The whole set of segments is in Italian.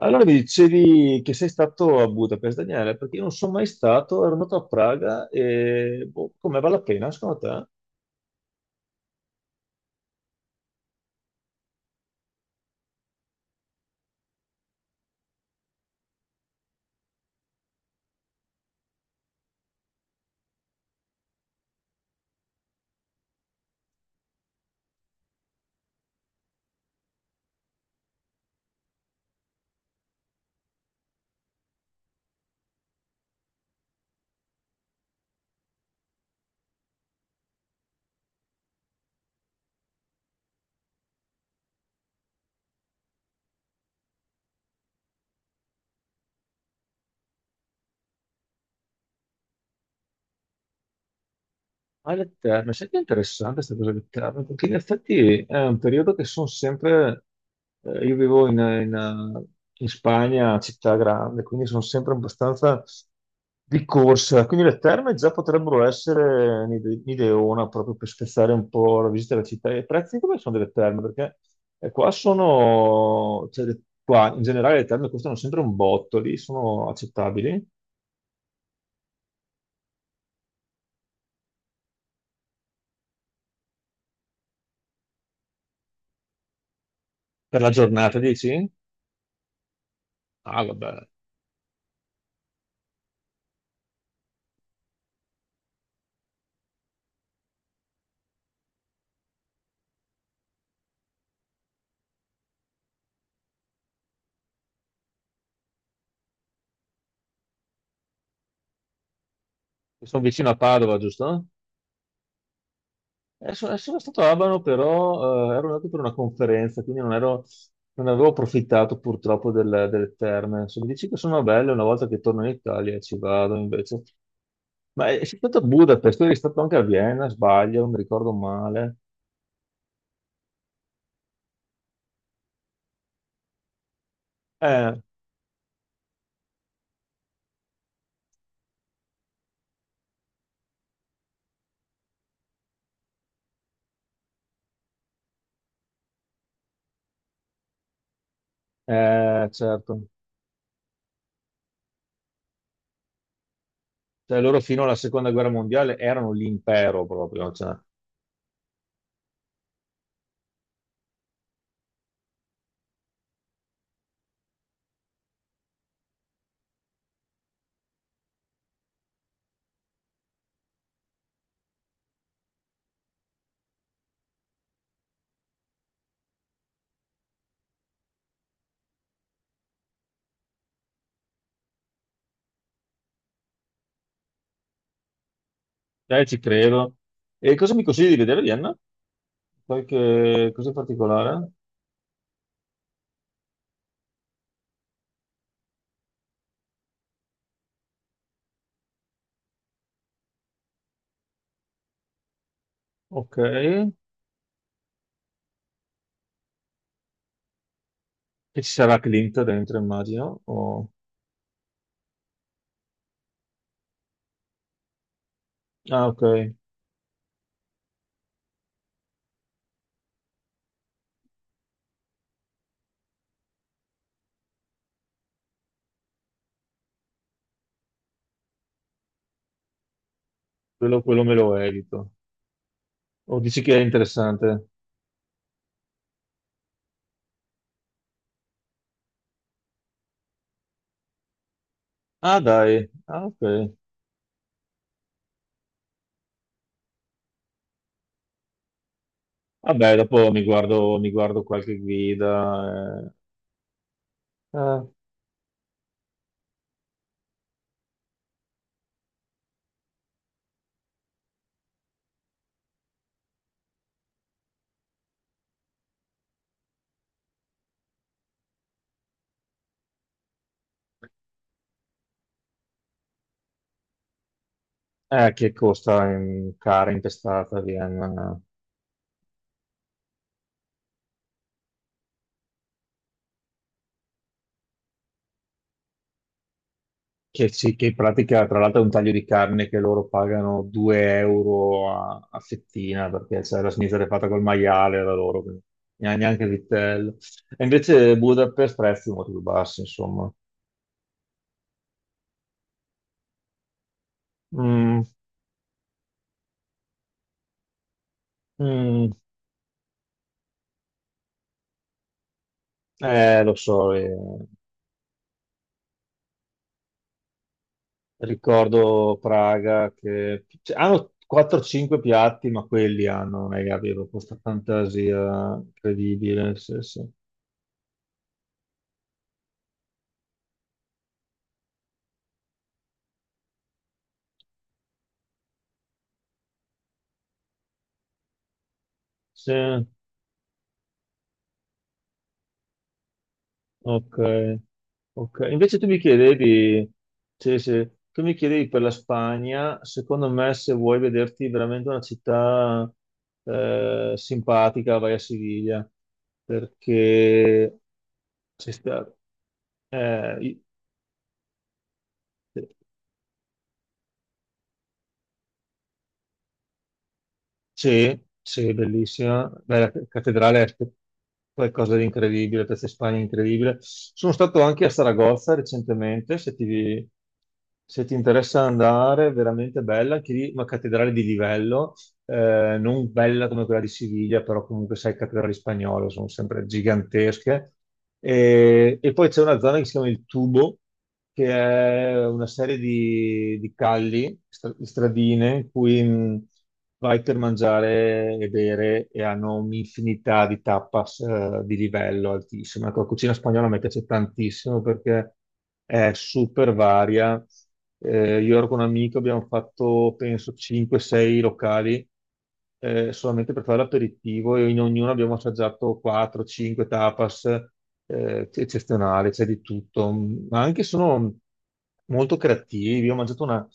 Allora mi dicevi che sei stato a Budapest, Daniele, perché io non sono mai stato, ero andato a Praga e boh, com'è, vale la pena secondo te? Ah, le terme, senti, è interessante questa cosa delle terme, perché in effetti è un periodo che sono sempre, io vivo eh, in Spagna, città grande, quindi sono sempre abbastanza di corsa, quindi le terme già potrebbero essere un'ideona proprio per spezzare un po' la visita alla città. E i prezzi come sono delle terme? Perché qua sono, cioè, qua in generale le terme costano sempre un botto, lì sono accettabili. Per la giornata, dici? Ah, vabbè, sono vicino a Padova, giusto? Sono stato a Abano, però ero andato per una conferenza, quindi non avevo approfittato purtroppo delle terme. Se mi dici che sono belle, una volta che torno in Italia ci vado invece. Ma sei stato a Budapest, tu eri stato anche a Vienna, sbaglio, non mi ricordo male. Eh, eh, certo. Cioè, loro fino alla seconda guerra mondiale erano l'impero proprio, cioè, ci credo. E cosa mi consigli di vedere a Vienna? Qualche cosa in particolare? Ok. E ci sarà Clint dentro, immagino. Ah, ok, quello me lo evito. O dici che è interessante? Ah, dai, ah, ok. Vabbè, dopo mi guardo qualche guida. Eh, eh, che costa in cara impestata a Vienna. Che, sì, che in pratica, tra l'altro, è un taglio di carne che loro pagano 2 euro a fettina perché cioè, la sinistra è fatta col maiale da loro, quindi neanche il vitello. E invece Budapest prezzi molto più bassi, insomma. Mm, mm, lo so, ricordo Praga che cioè, hanno 4-5 piatti, ma quelli hanno, ragazzi, avevo questa fantasia incredibile. Sì, sì. Sì, ok, ok. Invece tu mi chiedevi, sì, sì, tu mi chiedevi per la Spagna, secondo me se vuoi vederti veramente una città simpatica, vai a Siviglia, perché c'è sta- eh, sì, sì, bellissima. Beh, la cattedrale è qualcosa di incredibile, Piazza Spagna è incredibile. Sono stato anche a Saragozza recentemente, se ti interessa andare, è veramente bella, anche lì una cattedrale di livello. Non bella come quella di Siviglia, però comunque sai, cattedrali spagnole sono sempre gigantesche. E poi c'è una zona che si chiama il Tubo, che è una serie di calli, stradine, in cui vai per mangiare e bere e hanno un'infinità di tapas di livello altissimo. Ecco, la cucina spagnola mi piace tantissimo perché è super varia. Io ero con un amico, abbiamo fatto penso 5-6 locali solamente per fare l'aperitivo e in ognuno abbiamo assaggiato 4-5 tapas eccezionali, c'è di tutto. Ma anche sono molto creativi. Io ho mangiato una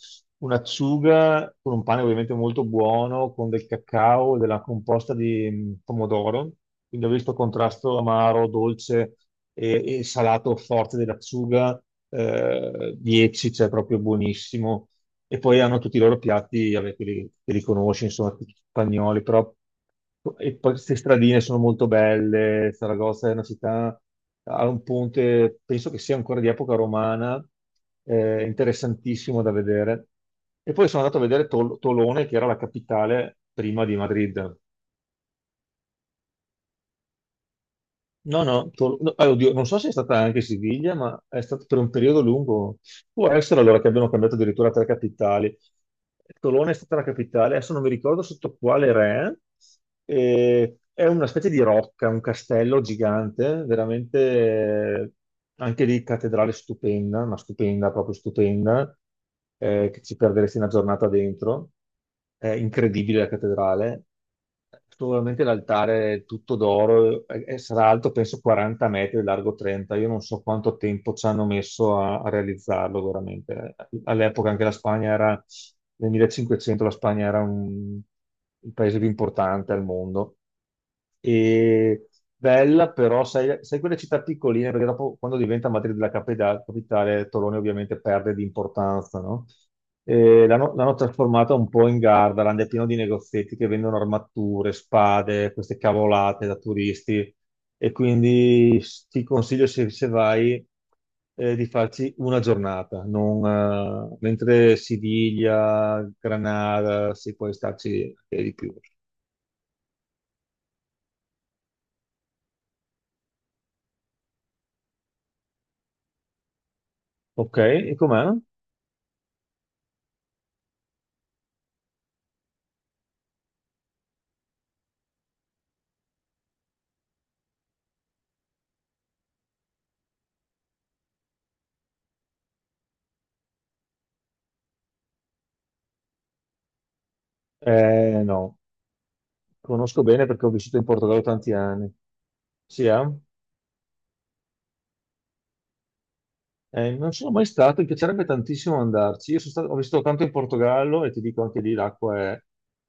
un'acciuga con un pane ovviamente molto buono, con del cacao e della composta di pomodoro, quindi ho visto il contrasto amaro, dolce e salato forte dell'acciuga, 10, cioè proprio buonissimo e poi hanno tutti i loro piatti, vabbè, che li conosci, insomma, tutti spagnoli, però e poi queste stradine sono molto belle. Saragozza è una città, ha un ponte, penso che sia ancora di epoca romana, interessantissimo da vedere. E poi sono andato a vedere Tolone, che era la capitale prima di Madrid. No, no, oddio, non so se è stata anche Siviglia, ma è stato per un periodo lungo. Può essere allora che abbiano cambiato addirittura tre capitali. Tolone è stata la capitale, adesso non mi ricordo sotto quale re. È una specie di rocca, un castello gigante, veramente anche lì cattedrale stupenda, ma stupenda, proprio stupenda, che ci perderesti una giornata dentro. È incredibile la cattedrale. Sicuramente l'altare è tutto d'oro e sarà alto penso 40 metri, e largo 30. Io non so quanto tempo ci hanno messo a realizzarlo veramente. All'epoca anche la Spagna era, nel 1500 la Spagna era un, il paese più importante al mondo e bella, però sai, sai quelle città piccoline, perché dopo quando diventa Madrid la capitale, Tolone ovviamente perde di importanza, no? E l'hanno trasformata un po' in Gardaland, è pieno di negozietti che vendono armature, spade, queste cavolate da turisti. E quindi ti consiglio, se vai, di farci una giornata, non, mentre Siviglia, Granada, si può starci anche di più. Ok, e com'è? No, conosco bene perché ho vissuto in Portogallo tanti anni. Sì, eh? Non sono mai stato, mi piacerebbe tantissimo andarci. Ho vissuto tanto in Portogallo e ti dico anche lì l'acqua è,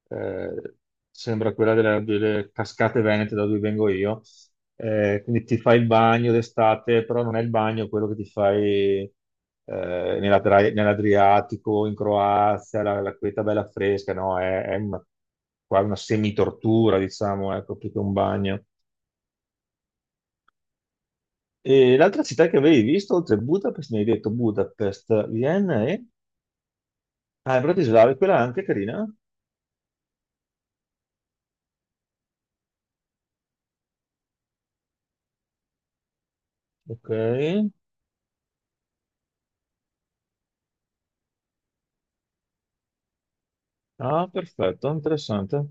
eh, sembra quella delle cascate venete da dove vengo io. Quindi ti fai il bagno d'estate, però non è il bagno quello che ti fai eh, nell'Adriatico, in Croazia, la queta bella fresca, no? È una, qua una semitortura, diciamo, ecco, più che un bagno. E l'altra città che avevi visto, oltre a Budapest, mi hai detto Budapest, Vienna e... Ah, e Bratislava, è quella anche carina. Ok. Ah, perfetto, interessante.